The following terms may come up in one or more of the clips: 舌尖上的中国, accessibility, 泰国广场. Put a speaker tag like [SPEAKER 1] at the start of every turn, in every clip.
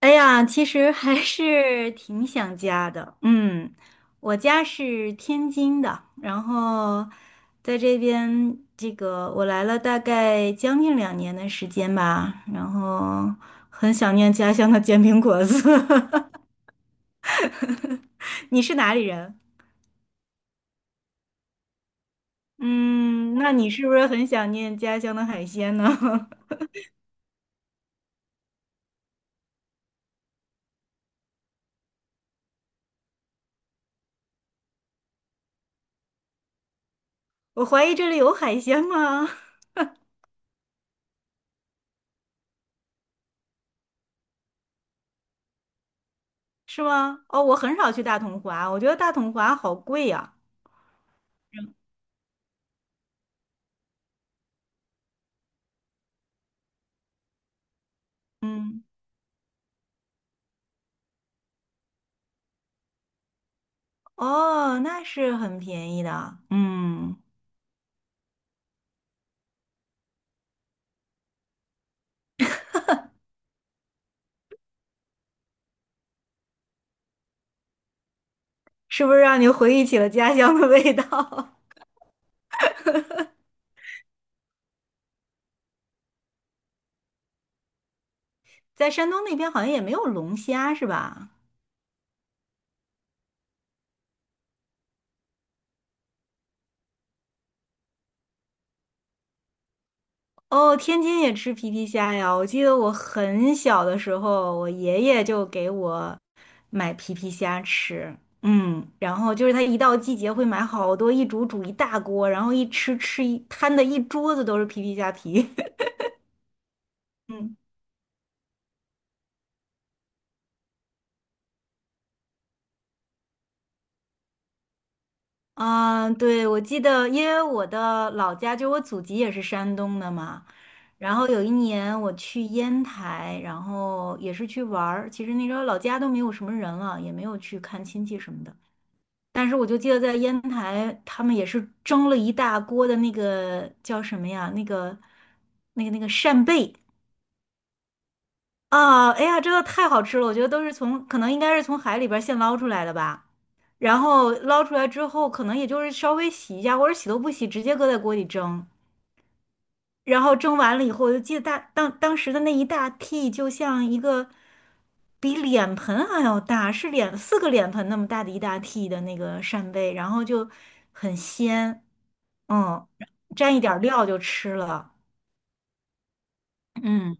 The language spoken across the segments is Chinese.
[SPEAKER 1] 哎呀，其实还是挺想家的。嗯，我家是天津的，然后在这边，这个我来了大概将近2年的时间吧，然后很想念家乡的煎饼果子。你是哪里人？嗯，那你是不是很想念家乡的海鲜呢？我怀疑这里有海鲜吗？是吗？哦，我很少去大统华，我觉得大统华好贵呀。嗯。哦，那是很便宜的，嗯，是不是让你回忆起了家乡的味道？在山东那边好像也没有龙虾，是吧？哦，天津也吃皮皮虾呀。我记得我很小的时候，我爷爷就给我买皮皮虾吃，嗯，然后就是他一到季节会买好多，一煮煮一大锅，然后一吃吃一摊的一桌子都是皮皮虾皮。嗯。啊，对，我记得，因为我的老家就我祖籍也是山东的嘛，然后有一年我去烟台，然后也是去玩儿。其实那时候老家都没有什么人了，也没有去看亲戚什么的。但是我就记得在烟台，他们也是蒸了一大锅的那个叫什么呀？那个扇贝啊！哎呀，真的太好吃了！我觉得都是从可能应该是从海里边儿现捞出来的吧。然后捞出来之后，可能也就是稍微洗一下，或者洗都不洗，直接搁在锅里蒸。然后蒸完了以后，我就记得当时的那一大屉就像一个比脸盆还要大，是脸四个脸盆那么大的一大屉的那个扇贝，然后就很鲜，嗯，沾一点儿料就吃了，嗯，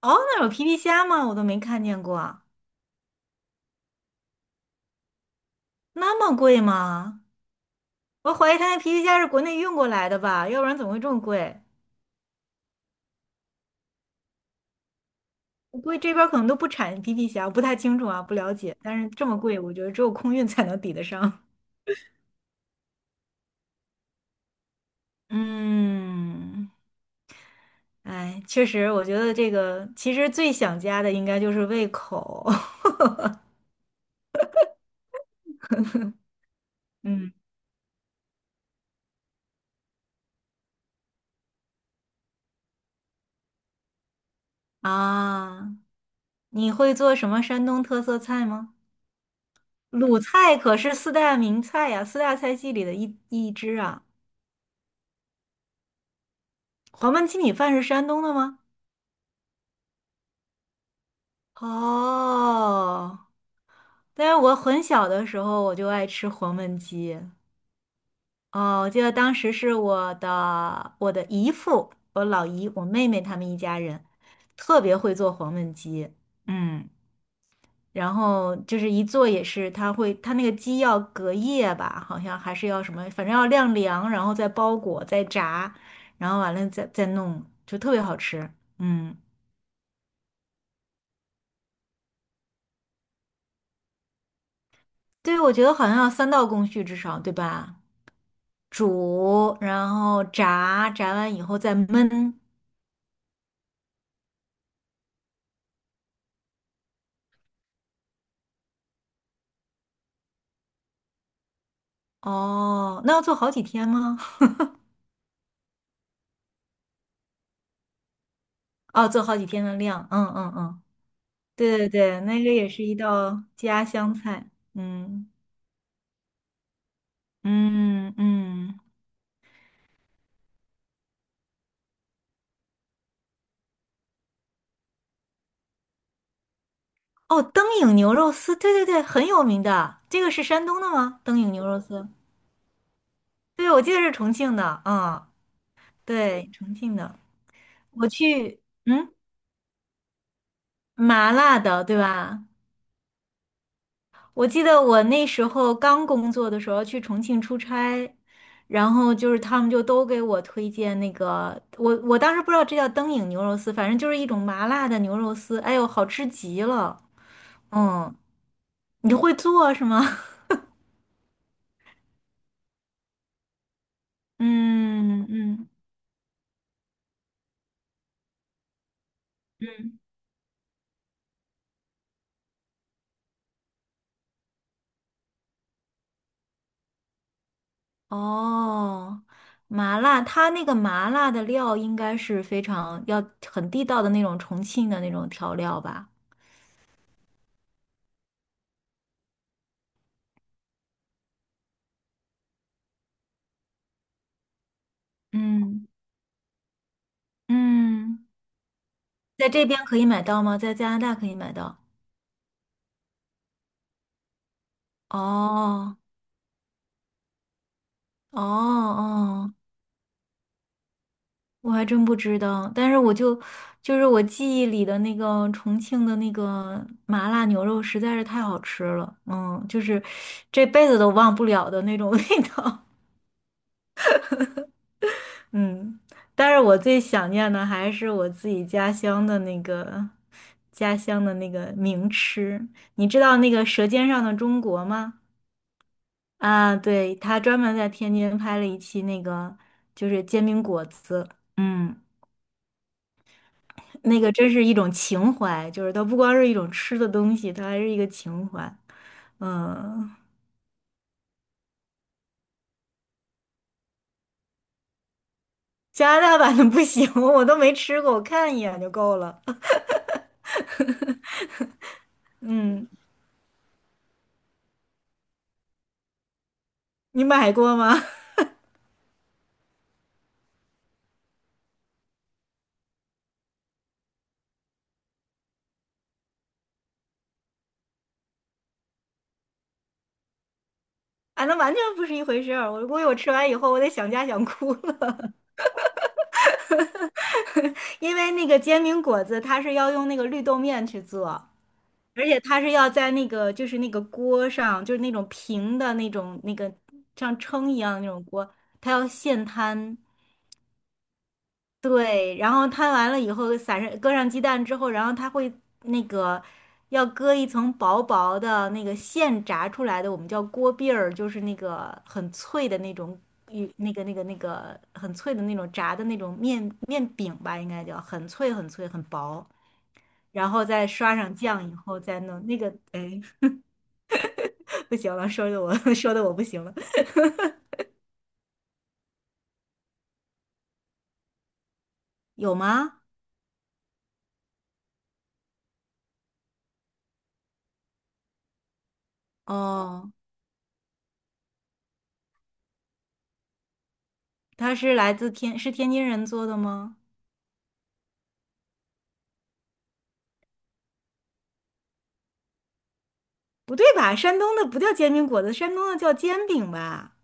[SPEAKER 1] 哦，那有皮皮虾吗？我都没看见过，那么贵吗？我怀疑他那皮皮虾是国内运过来的吧，要不然怎么会这么贵？我估计这边儿可能都不产皮皮虾，我不太清楚啊，不了解。但是这么贵，我觉得只有空运才能抵得上。嗯，哎，确实，我觉得这个其实最想家的应该就是胃口。嗯啊，你会做什么山东特色菜吗？鲁菜可是四大名菜呀，四大菜系里的一支啊。黄焖鸡米饭是山东的吗？哦，但是我很小的时候我就爱吃黄焖鸡，哦，我记得当时是我的姨父，我老姨，我妹妹他们一家人，特别会做黄焖鸡，嗯，然后就是一做也是，他会他那个鸡要隔夜吧，好像还是要什么，反正要晾凉，然后再包裹，再炸，然后完了再弄，就特别好吃，嗯，对，我觉得好像要三道工序至少，对吧？煮，然后炸，炸完以后再焖，哦，那要做好几天吗？哦，做好几天的量，嗯嗯嗯，对对对，那个也是一道家乡菜，嗯嗯嗯，哦，灯影牛肉丝，对对对，很有名的，这个是山东的吗？灯影牛肉丝，对，我记得是重庆的，嗯，对，重庆的，我去，嗯，麻辣的，对吧？我记得我那时候刚工作的时候去重庆出差，然后就是他们就都给我推荐那个，我当时不知道这叫灯影牛肉丝，反正就是一种麻辣的牛肉丝，哎呦，好吃极了。嗯，你会做是吗？嗯嗯嗯，哦，麻辣，它那个麻辣的料应该是非常要很地道的那种重庆的那种调料吧？嗯嗯，在这边可以买到吗？在加拿大可以买到？哦哦哦，我还真不知道，但是我就是我记忆里的那个重庆的那个麻辣牛肉实在是太好吃了，嗯，就是这辈子都忘不了的那种味道，嗯，但是我最想念的还是我自己家乡的那个家乡的那个名吃，你知道那个《舌尖上的中国》吗？啊，对，他专门在天津拍了一期那个就是煎饼果子，嗯。那个真是一种情怀，就是它不光是一种吃的东西，它还是一个情怀。嗯，加拿大版的不行，我都没吃过，我看一眼就够了。嗯，你买过吗？啊，那完全不是一回事儿。我估计我吃完以后，我得想家想哭了，因为那个煎饼果子它是要用那个绿豆面去做，而且它是要在那个就是那个锅上，就是那种平的那种那个像称一样的那种锅，它要现摊。对，然后摊完了以后，撒上搁上鸡蛋之后，然后它会那个要搁一层薄薄的那个现炸出来的，我们叫锅篦儿，就是那个很脆的那种与那个很脆的那种炸的那种面饼吧，应该叫很脆很脆很薄，然后再刷上酱以后再弄那个，哎，不行了，说的我 说的我不行了，有吗？哦，它是来自天津人做的吗？不对吧？山东的不叫煎饼果子，山东的叫煎饼吧？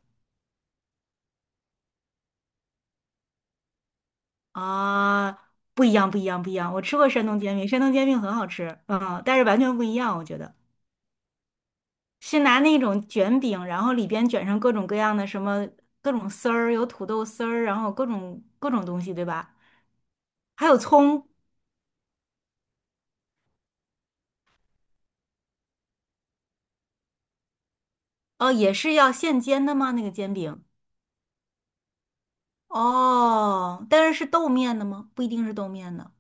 [SPEAKER 1] 啊，不一样，不一样，不一样。我吃过山东煎饼，山东煎饼很好吃，嗯，但是完全不一样，我觉得是拿那种卷饼，然后里边卷上各种各样的什么各种丝儿，有土豆丝儿，然后各种各种东西，对吧？还有葱，哦，也是要现煎的吗？那个煎饼？哦，但是是豆面的吗？不一定是豆面的。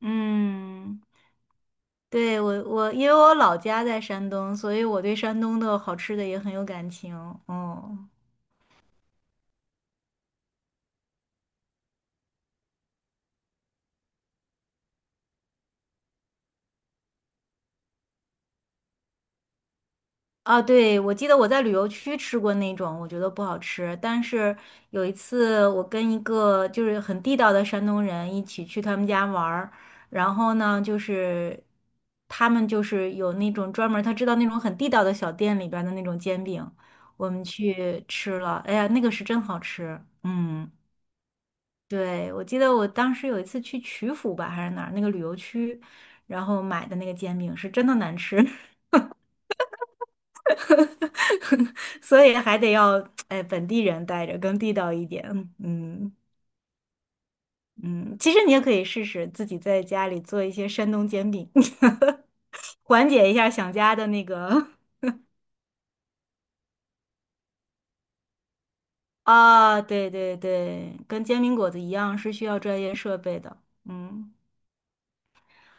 [SPEAKER 1] 嗯，对，我因为我老家在山东，所以我对山东的好吃的也很有感情。嗯，啊，对，我记得我在旅游区吃过那种，我觉得不好吃。但是有一次，我跟一个就是很地道的山东人一起去他们家玩儿，然后呢，就是他们就是有那种专门儿他知道那种很地道的小店里边儿的那种煎饼，我们去吃了，哎呀，那个是真好吃。嗯。对，我记得我当时有一次去曲阜吧，还是哪儿那个旅游区，然后买的那个煎饼是真的难吃，所以还得要哎本地人带着更地道一点。嗯嗯，其实你也可以试试自己在家里做一些山东煎饼，缓解一下想家的那个啊，对对对，跟煎饼果子一样是需要专业设备的。嗯，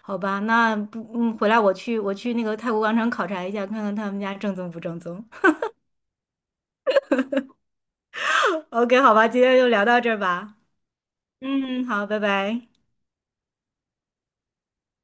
[SPEAKER 1] 好吧，那不嗯，回来我去那个泰国广场考察一下，看看他们家正宗不正宗。OK，好吧，今天就聊到这儿吧。嗯，好，拜拜。